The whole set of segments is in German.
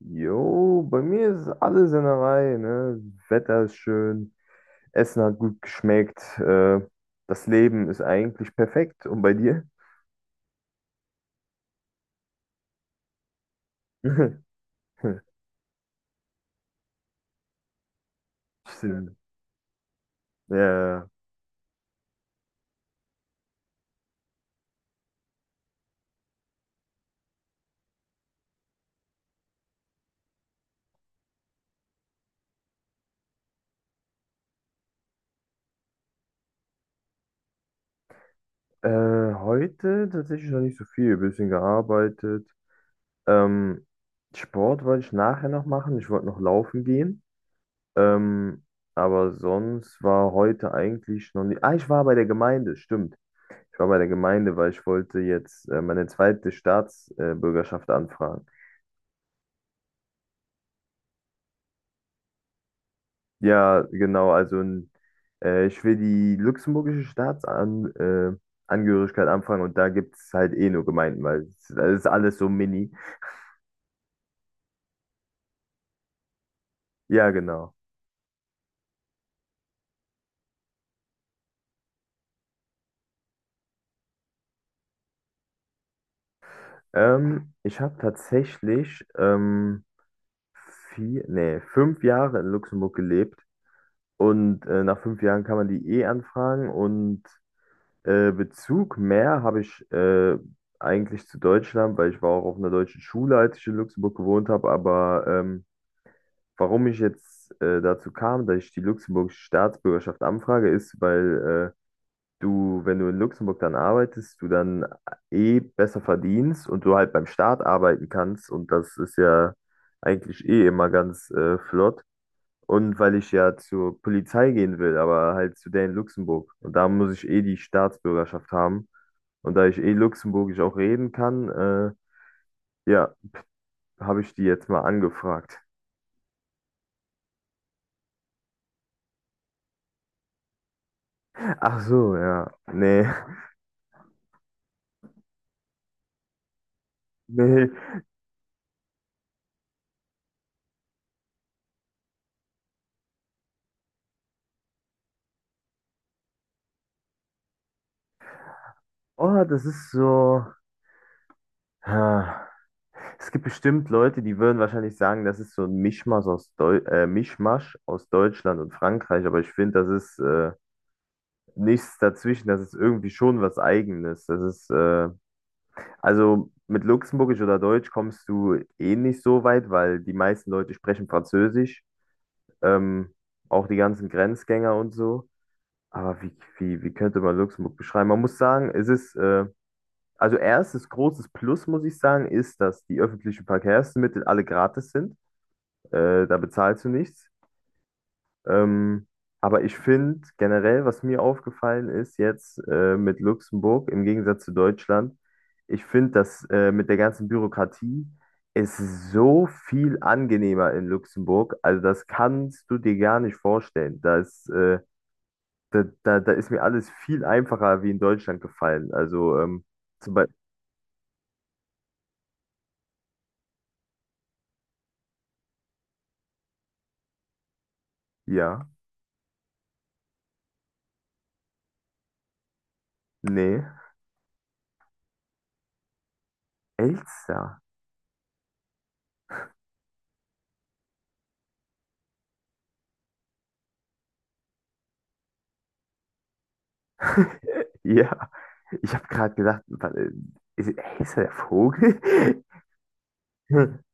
Jo, bei mir ist alles in der Reihe, ne? Wetter ist schön, Essen hat gut geschmeckt, das Leben ist eigentlich perfekt. Und bei dir? Stimmt. Ja. Heute tatsächlich noch nicht so viel, ein bisschen gearbeitet. Ähm, Sport wollte ich nachher noch machen, ich wollte noch laufen gehen. Ähm, aber sonst war heute eigentlich noch nicht. Ah, ich war bei der Gemeinde, stimmt. Ich war bei der Gemeinde, weil ich wollte jetzt meine zweite Staatsbürgerschaft anfragen. Ja, genau, also ich will die luxemburgische Staatsan Angehörigkeit anfragen, und da gibt es halt eh nur Gemeinden, weil es das ist alles so mini. Ja, genau. Ich habe tatsächlich 4, nee, 5 Jahre in Luxemburg gelebt und nach 5 Jahren kann man die eh anfragen. Und Bezug mehr habe ich eigentlich zu Deutschland, weil ich war auch auf einer deutschen Schule, als ich in Luxemburg gewohnt habe. Aber warum ich jetzt dazu kam, dass ich die luxemburgische Staatsbürgerschaft anfrage, ist, weil du, wenn du in Luxemburg dann arbeitest, du dann eh besser verdienst und du halt beim Staat arbeiten kannst. Und das ist ja eigentlich eh immer ganz flott. Und weil ich ja zur Polizei gehen will, aber halt zu der in Luxemburg. Und da muss ich eh die Staatsbürgerschaft haben. Und da ich eh Luxemburgisch auch reden kann, ja, habe ich die jetzt mal angefragt. Ach so, ja. Nee, nee. Oh, das ist so. Ha. Es gibt bestimmt Leute, die würden wahrscheinlich sagen, das ist so ein Mischmasch aus, Deu Mischmasch aus Deutschland und Frankreich, aber ich finde, das ist nichts dazwischen, das ist irgendwie schon was Eigenes. Das ist, also mit Luxemburgisch oder Deutsch kommst du eh nicht so weit, weil die meisten Leute sprechen Französisch. ähm, Auch die ganzen Grenzgänger und so. Aber wie könnte man Luxemburg beschreiben? Man muss sagen, es ist, also erstes großes Plus, muss ich sagen, ist, dass die öffentlichen Verkehrsmittel alle gratis sind. Da bezahlst du nichts. Ähm, aber ich finde generell, was mir aufgefallen ist jetzt mit Luxemburg im Gegensatz zu Deutschland, ich finde das mit der ganzen Bürokratie ist so viel angenehmer in Luxemburg. Also das kannst du dir gar nicht vorstellen. Da ist, da ist mir alles viel einfacher wie in Deutschland gefallen. Also zum Beispiel, ja, nee, Elster. Ja, ich habe gerade gedacht, ist, ist er der Vogel?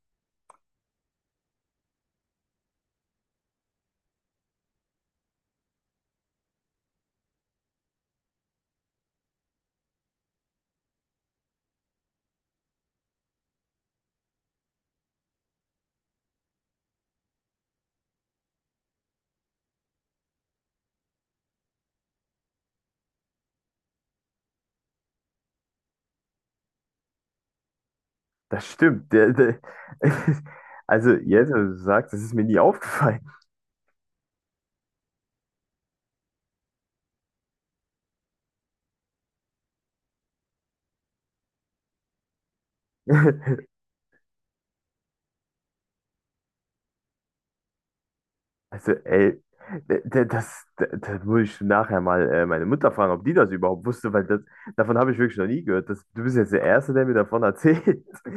Das stimmt. Also, jetzt, wo du sagst, das ist mir nie aufgefallen. Also, ey, da muss ich nachher mal meine Mutter fragen, ob die das überhaupt wusste, weil davon habe ich wirklich noch nie gehört. Du bist jetzt der Erste, der mir davon erzählt.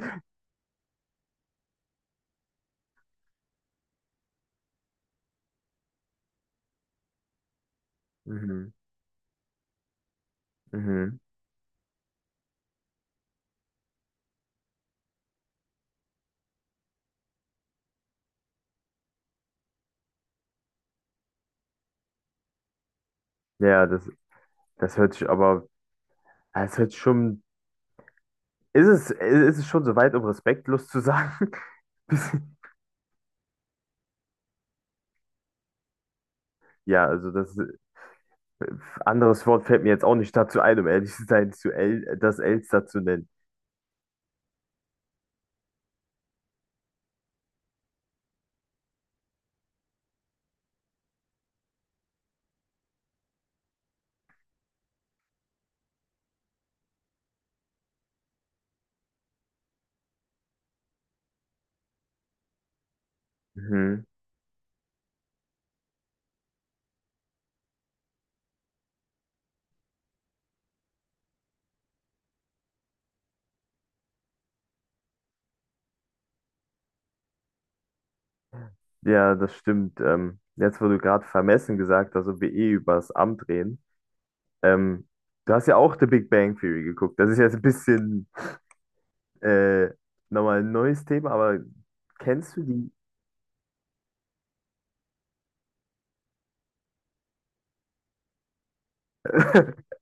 Mhm, mhm. Ja, das hört sich aber, es hört sich schon, ist es schon so weit, um respektlos zu sagen? Bisschen- Ja, also anderes Wort fällt mir jetzt auch nicht dazu ein, um ehrlich zu sein, zu El, das Elster zu nennen. Mhm. Ja, das stimmt. Jetzt, wo du gerade vermessen gesagt hast, ob wir eh über das Amt reden. Ähm, Du hast ja auch The Big Bang Theory geguckt. Das ist jetzt ein bisschen äh, nochmal ein neues Thema, aber kennst du die?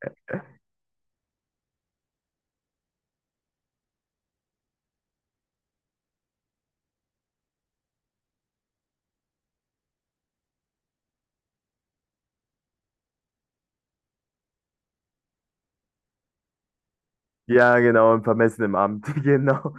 Ja, genau, im vermessenen Amt, genau.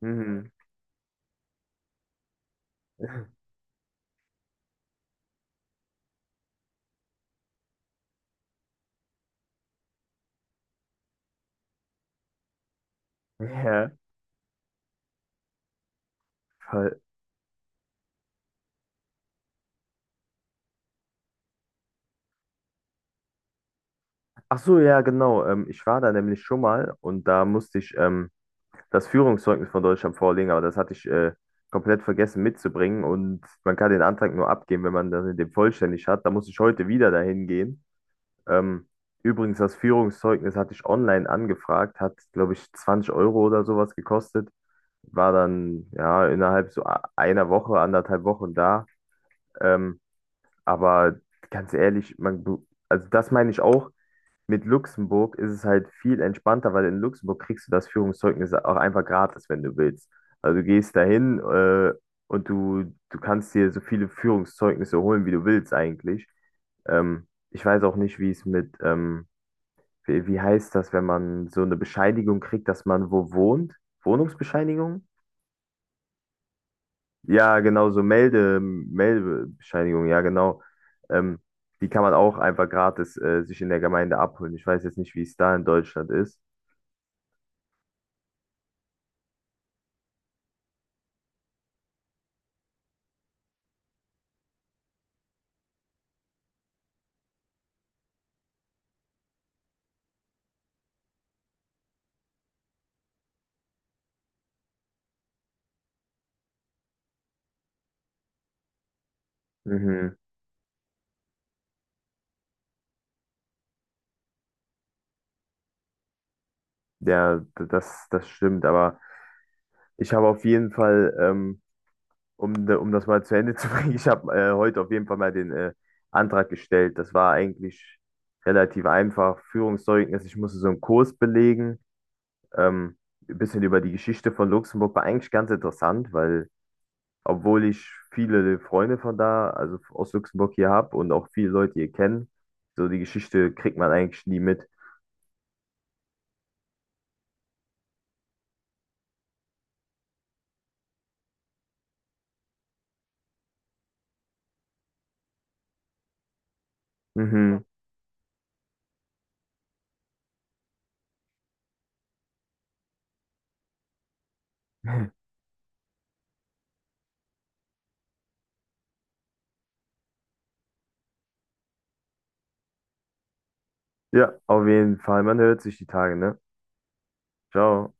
Mhm. Ja, voll. Ach so, ja, genau. Ich war da nämlich schon mal und da musste ich das Führungszeugnis von Deutschland vorlegen, aber das hatte ich komplett vergessen mitzubringen, und man kann den Antrag nur abgeben, wenn man das in dem vollständig hat. Da muss ich heute wieder dahin gehen. Ähm, Übrigens, das Führungszeugnis hatte ich online angefragt, hat, glaube ich, 20 Euro oder sowas gekostet. War dann ja innerhalb einer Woche, anderthalb Wochen da. Ähm, aber ganz ehrlich, also das meine ich auch, mit Luxemburg ist es halt viel entspannter, weil in Luxemburg kriegst du das Führungszeugnis auch einfach gratis, wenn du willst. Also du gehst dahin und du kannst dir so viele Führungszeugnisse holen, wie du willst eigentlich. Ich weiß auch nicht, wie es mit, wie heißt das, wenn man so eine Bescheinigung kriegt, dass man wo wohnt? Wohnungsbescheinigung? Ja, genau, so Meldebescheinigung, ja, genau. Ähm, Die kann man auch einfach gratis sich in der Gemeinde abholen. Ich weiß jetzt nicht, wie es da in Deutschland ist. Mhm. Ja, das stimmt, aber ich habe auf jeden Fall, um das mal zu Ende zu bringen, ich habe heute auf jeden Fall mal den Antrag gestellt. Das war eigentlich relativ einfach. Führungszeugnis, ich musste so einen Kurs belegen, ähm, ein bisschen über die Geschichte von Luxemburg, war eigentlich ganz interessant, weil obwohl ich viele Freunde von da, also aus Luxemburg hier habe und auch viele Leute hier kennen, so die Geschichte kriegt man eigentlich nie mit. Mhm. Ja, auf jeden Fall, man hört sich die Tage, ne? Ciao.